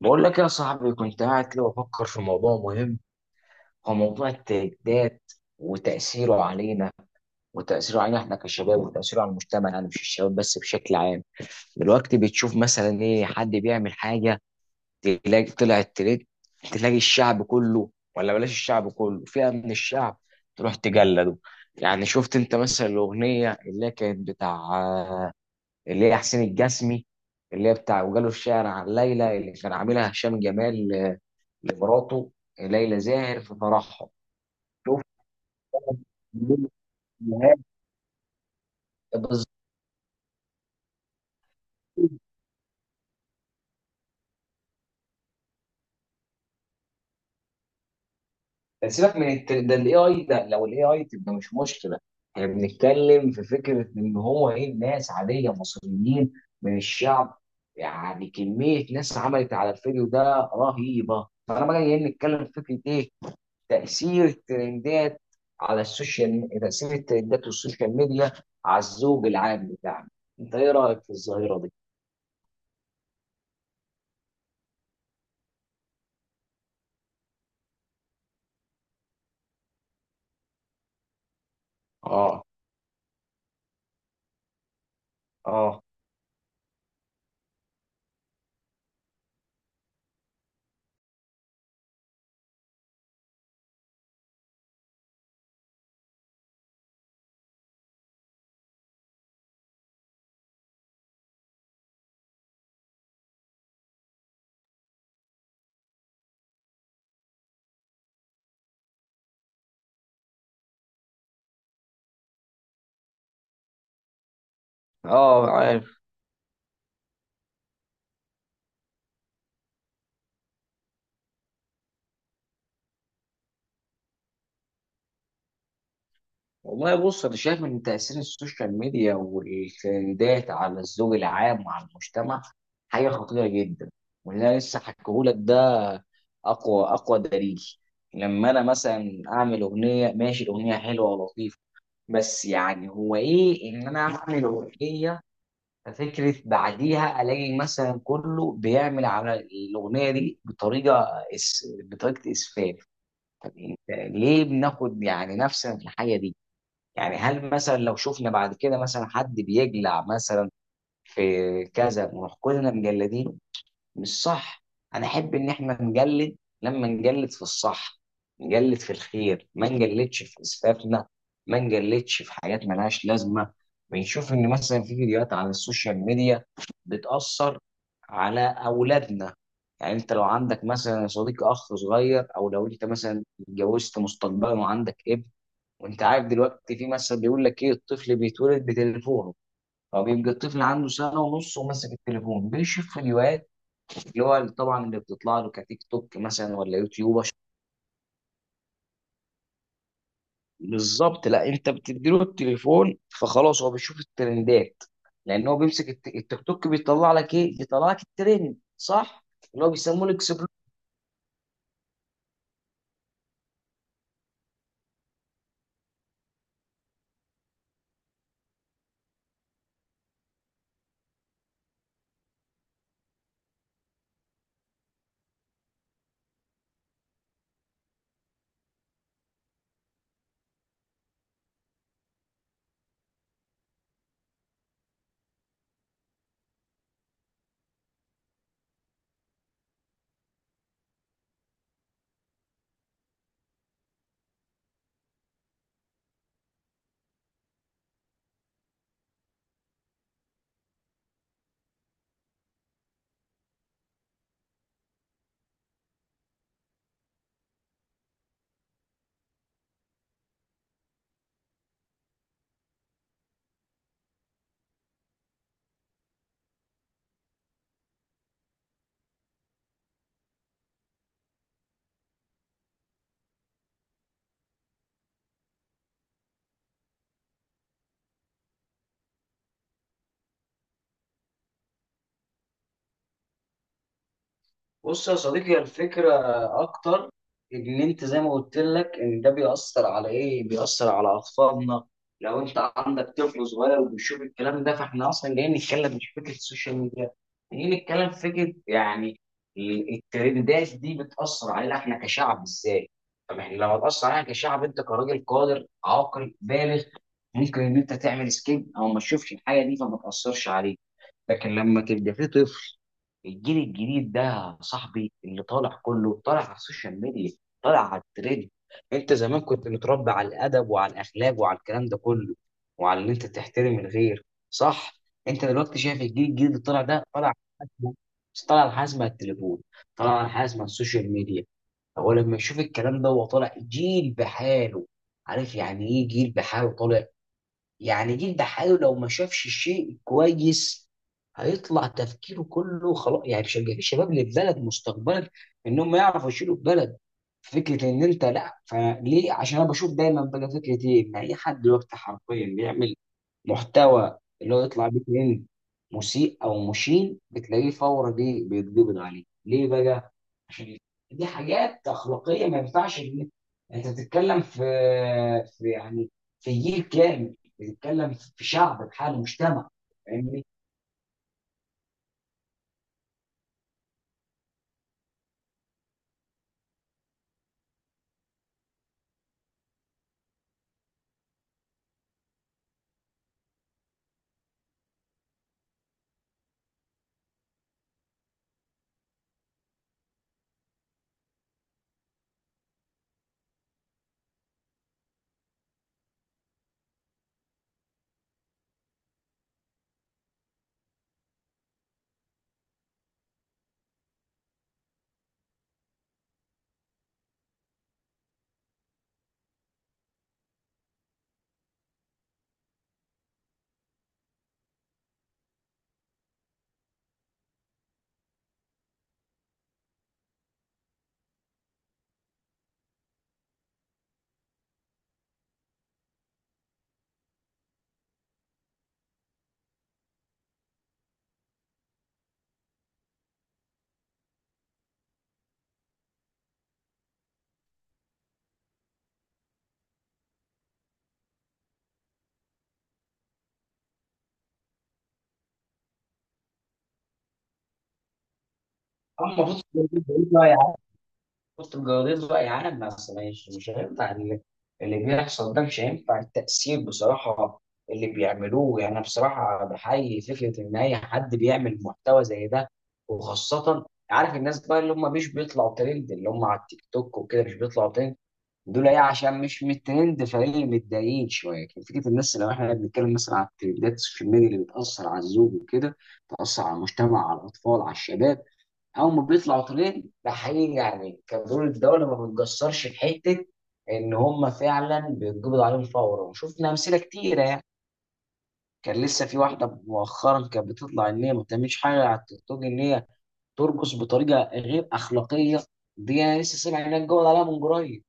بقول لك يا صاحبي، كنت قاعد كده بفكر في موضوع مهم. هو موضوع التهديدات وتأثيره علينا. وتأثيره علينا احنا كشباب، وتأثيره على المجتمع. يعني مش الشباب بس، بشكل عام. دلوقتي بتشوف مثلا ايه، حد بيعمل حاجة تلاقي طلع الترند، تلاقي الشعب كله، ولا بلاش الشعب كله، فئة من الشعب تروح تجلده. يعني شفت انت مثلا الأغنية اللي هي كانت بتاع، اللي هي حسين الجسمي، اللي هي بتاع وجاله الشعر عن ليلى اللي كان عاملها هشام جمال لمراته، ليلى زاهر في فرحهم. شوف بقى. بالظبط. سيبك من ده الاي اي ده، لو الاي اي تبقى مش مشكله. احنا بنتكلم في فكره ان هو ايه، ناس عاديه مصريين من الشعب. يعني كميه ناس عملت على الفيديو ده رهيبه، فانا بقى جاي نتكلم في فكره ايه تاثير الترندات على السوشيال، تاثير الترندات والسوشيال ميديا على الذوق العام بتاعنا. انت ايه رايك في الظاهره دي؟ اه. اه. اه عارف. والله بص، انا شايف ان تاثير السوشيال ميديا والترندات على الذوق العام وعلى المجتمع حاجه خطيره جدا. واللي انا لسه حكيهولك ده اقوى دليل. لما انا مثلا اعمل اغنيه، ماشي، الاغنيه حلوه ولطيفه، بس يعني هو ايه ان انا اعمل اغنيه، ففكره بعديها الاقي مثلا كله بيعمل على الاغنيه دي بطريقه بطريقه اسفاف. طب انت ليه بناخد يعني نفسنا في الحاجه دي؟ يعني هل مثلا لو شفنا بعد كده مثلا حد بيجلع مثلا في كذا، ونروح كلنا مجلدين؟ مش صح. انا احب ان احنا نجلد لما نجلد في الصح، نجلد في الخير، ما نجلدش في اسفافنا، ما نجلدش في حاجات ملهاش لازمه. بنشوف ان مثلا في فيديوهات على السوشيال ميديا بتاثر على اولادنا. يعني انت لو عندك مثلا يا صديقي اخ صغير، او لو انت مثلا اتجوزت مستقبلا وعندك ابن، وانت عارف دلوقتي في مثل بيقول لك ايه، الطفل بيتولد بتليفونه. هو بيبقى الطفل عنده سنه ونص وماسك التليفون بيشوف فيديوهات، اللي هو طبعا اللي بتطلع له كتيك توك مثلا ولا يوتيوب بالظبط. لا انت بتديله التليفون فخلاص هو بيشوف الترندات، لان هو بيمسك التيك توك بيطلع لك ايه، بيطلع لك الترند، صح؟ اللي هو بيسموه. بص يا صديقي، الفكرة أكتر إن أنت زي ما قلت لك إن ده بيأثر على إيه؟ بيأثر على أطفالنا. لو أنت عندك طفل صغير وبيشوف الكلام ده، فإحنا أصلا جايين نتكلم مش فكرة السوشيال ميديا، جايين نتكلم في فكرة يعني الترندات دي بتأثر علينا إحنا كشعب إزاي؟ طب إحنا لو هتأثر علينا كشعب، أنت كراجل قادر عاقل بالغ ممكن إن أنت تعمل سكيب أو ما تشوفش الحاجة دي فما تأثرش عليك. لكن لما تبقى في طفل، الجيل الجديد ده يا صاحبي اللي طالع كله طالع على السوشيال ميديا، طالع على الترند. انت زمان كنت متربي على الادب وعلى الاخلاق وعلى الكلام ده كله، وعلى ان انت تحترم الغير، صح؟ انت دلوقتي شايف الجيل الجديد اللي طالع ده طالع على حاجة- طالع على حاجه اسمها التليفون، طالع على حاجه اسمها السوشيال ميديا. هو لما يشوف الكلام ده هو طالع جيل بحاله. عارف يعني ايه جيل بحاله طالع؟ يعني جيل دحاله لو ما شافش الشيء كويس، هيطلع تفكيره كله خلاص، يعني مش هيبقى في شباب للبلد مستقبلا ان هم يعرفوا يشيلوا البلد. فكره ان انت لا فليه، عشان انا بشوف دايما بقى فكره ايه، ان اي حد دلوقتي حرفيا بيعمل محتوى اللي هو يطلع بيه ترند مسيء او مشين، بتلاقيه فورا دي بيتقبض عليه، ليه بقى؟ عشان دي حاجات اخلاقيه، ما ينفعش إن انت تتكلم في، في يعني، في جيل كامل، بتتكلم في شعب بحاله، مجتمع. فاهمني؟ اما بص الجواليز بقى يا عم، بص الجواليز بقى يا عالم، بس مش هينفع اللي بيحصل ده. مش هينفع التأثير بصراحة اللي بيعملوه. يعني أنا بصراحة بحيي فكرة إن أي حد بيعمل محتوى زي ده، وخاصة عارف الناس بقى اللي هم مش بيطلعوا ترند، اللي هم على التيك توك وكده مش بيطلعوا ترند، دول ايه عشان مش من الترند فايه متضايقين شويه. لكن فكره الناس، لو احنا بنتكلم مثلا عن الترندات السوشيال ميديا اللي بتاثر على الزوج وكده، بتاثر على المجتمع، على الاطفال، على الشباب، اول ما بيطلعوا ترند ده حقيقي يعني كدول الدوله ما بتقصرش في حته، ان هم فعلا بيتقبض عليهم فورا. وشفنا امثله كتيره يعني، كان لسه في واحده مؤخرا كانت بتطلع ان هي ما بتعملش حاجه على التيك توك ان هي ترقص بطريقه غير اخلاقيه، دي انا لسه سامع انها اتقبض عليها من قريب.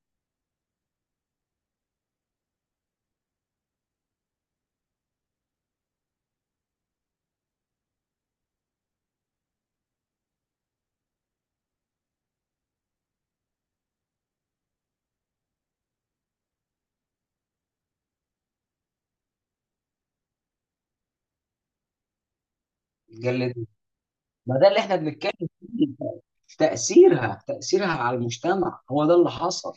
قال لي. ما ده اللي احنا بنتكلم فيه، تأثيرها على المجتمع، هو ده اللي حصل.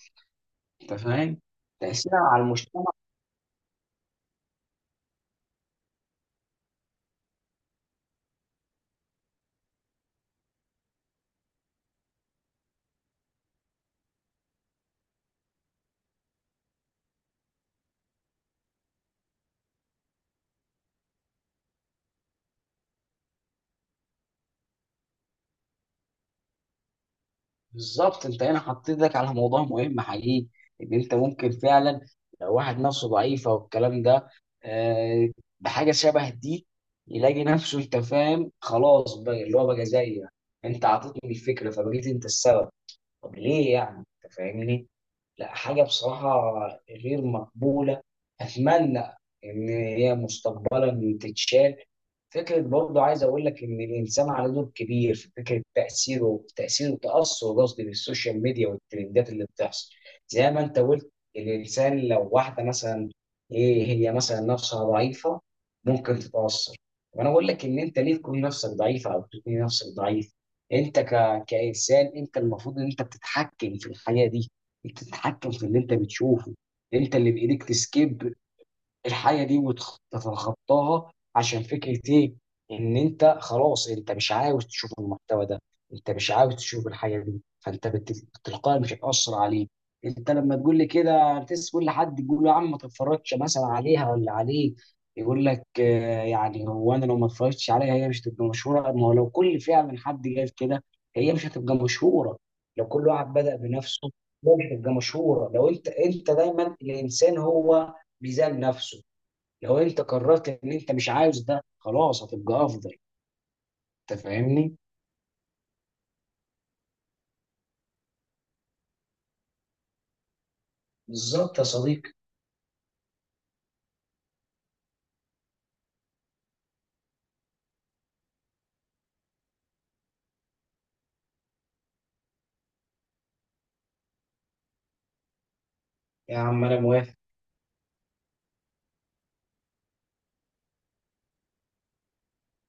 انت فاهم؟ تأثيرها على المجتمع. بالظبط، انت هنا حطيت ايدك على موضوع مهم حقيقي. ان انت ممكن فعلا لو واحد نفسه ضعيفة والكلام ده، آه، بحاجة شبه دي، يلاقي نفسه انت فاهم خلاص بقى اللي هو بقى زيك. انت عطيتني الفكرة فبقيت انت السبب. طب ليه يعني؟ انت فاهمني. لا، حاجة بصراحة غير مقبولة. أتمنى إن هي مستقبلا تتشال. فكرة برضه عايز أقول لك إن الإنسان على دور كبير في فكرة تأثيره، تأثير وتأثر قصدي، بالسوشيال ميديا والترندات اللي بتحصل. زي ما أنت قلت، الإنسان لو واحدة مثلا إيه هي مثلا نفسها ضعيفة، ممكن تتأثر. وأنا أقول لك إن أنت ليه تكون نفسك ضعيفة أو تكون نفسك ضعيف؟ أنت كإنسان أنت المفروض إن أنت بتتحكم في الحياة دي، بتتحكم في اللي انت بتشوفه. انت اللي بايديك تسكيب الحاجه دي وتتخطاها، عشان فكره ايه، ان انت خلاص انت مش عاوز تشوف المحتوى ده، انت مش عاوز تشوف الحاجه دي، تلقائي مش هتاثر عليك. انت لما تقول لي كده، تسال كل حد يقول له يا عم ما تتفرجش مثلا عليها ولا عليه، يقول لك آه، يعني هو انا لو ما اتفرجتش عليها هي مش هتبقى مشهوره، ما هو لو كل فعلا حد قال كده هي مش هتبقى مشهوره. لو كل واحد بدأ بنفسه، هي مش هتبقى مشهوره. لو انت، انت دايما الانسان هو ميزان نفسه. لو انت قررت ان انت مش عاوز ده، خلاص هتبقى افضل. انت فاهمني؟ بالظبط يا صديقي. يا عم انا موافق.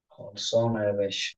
خلصانه يا باشا.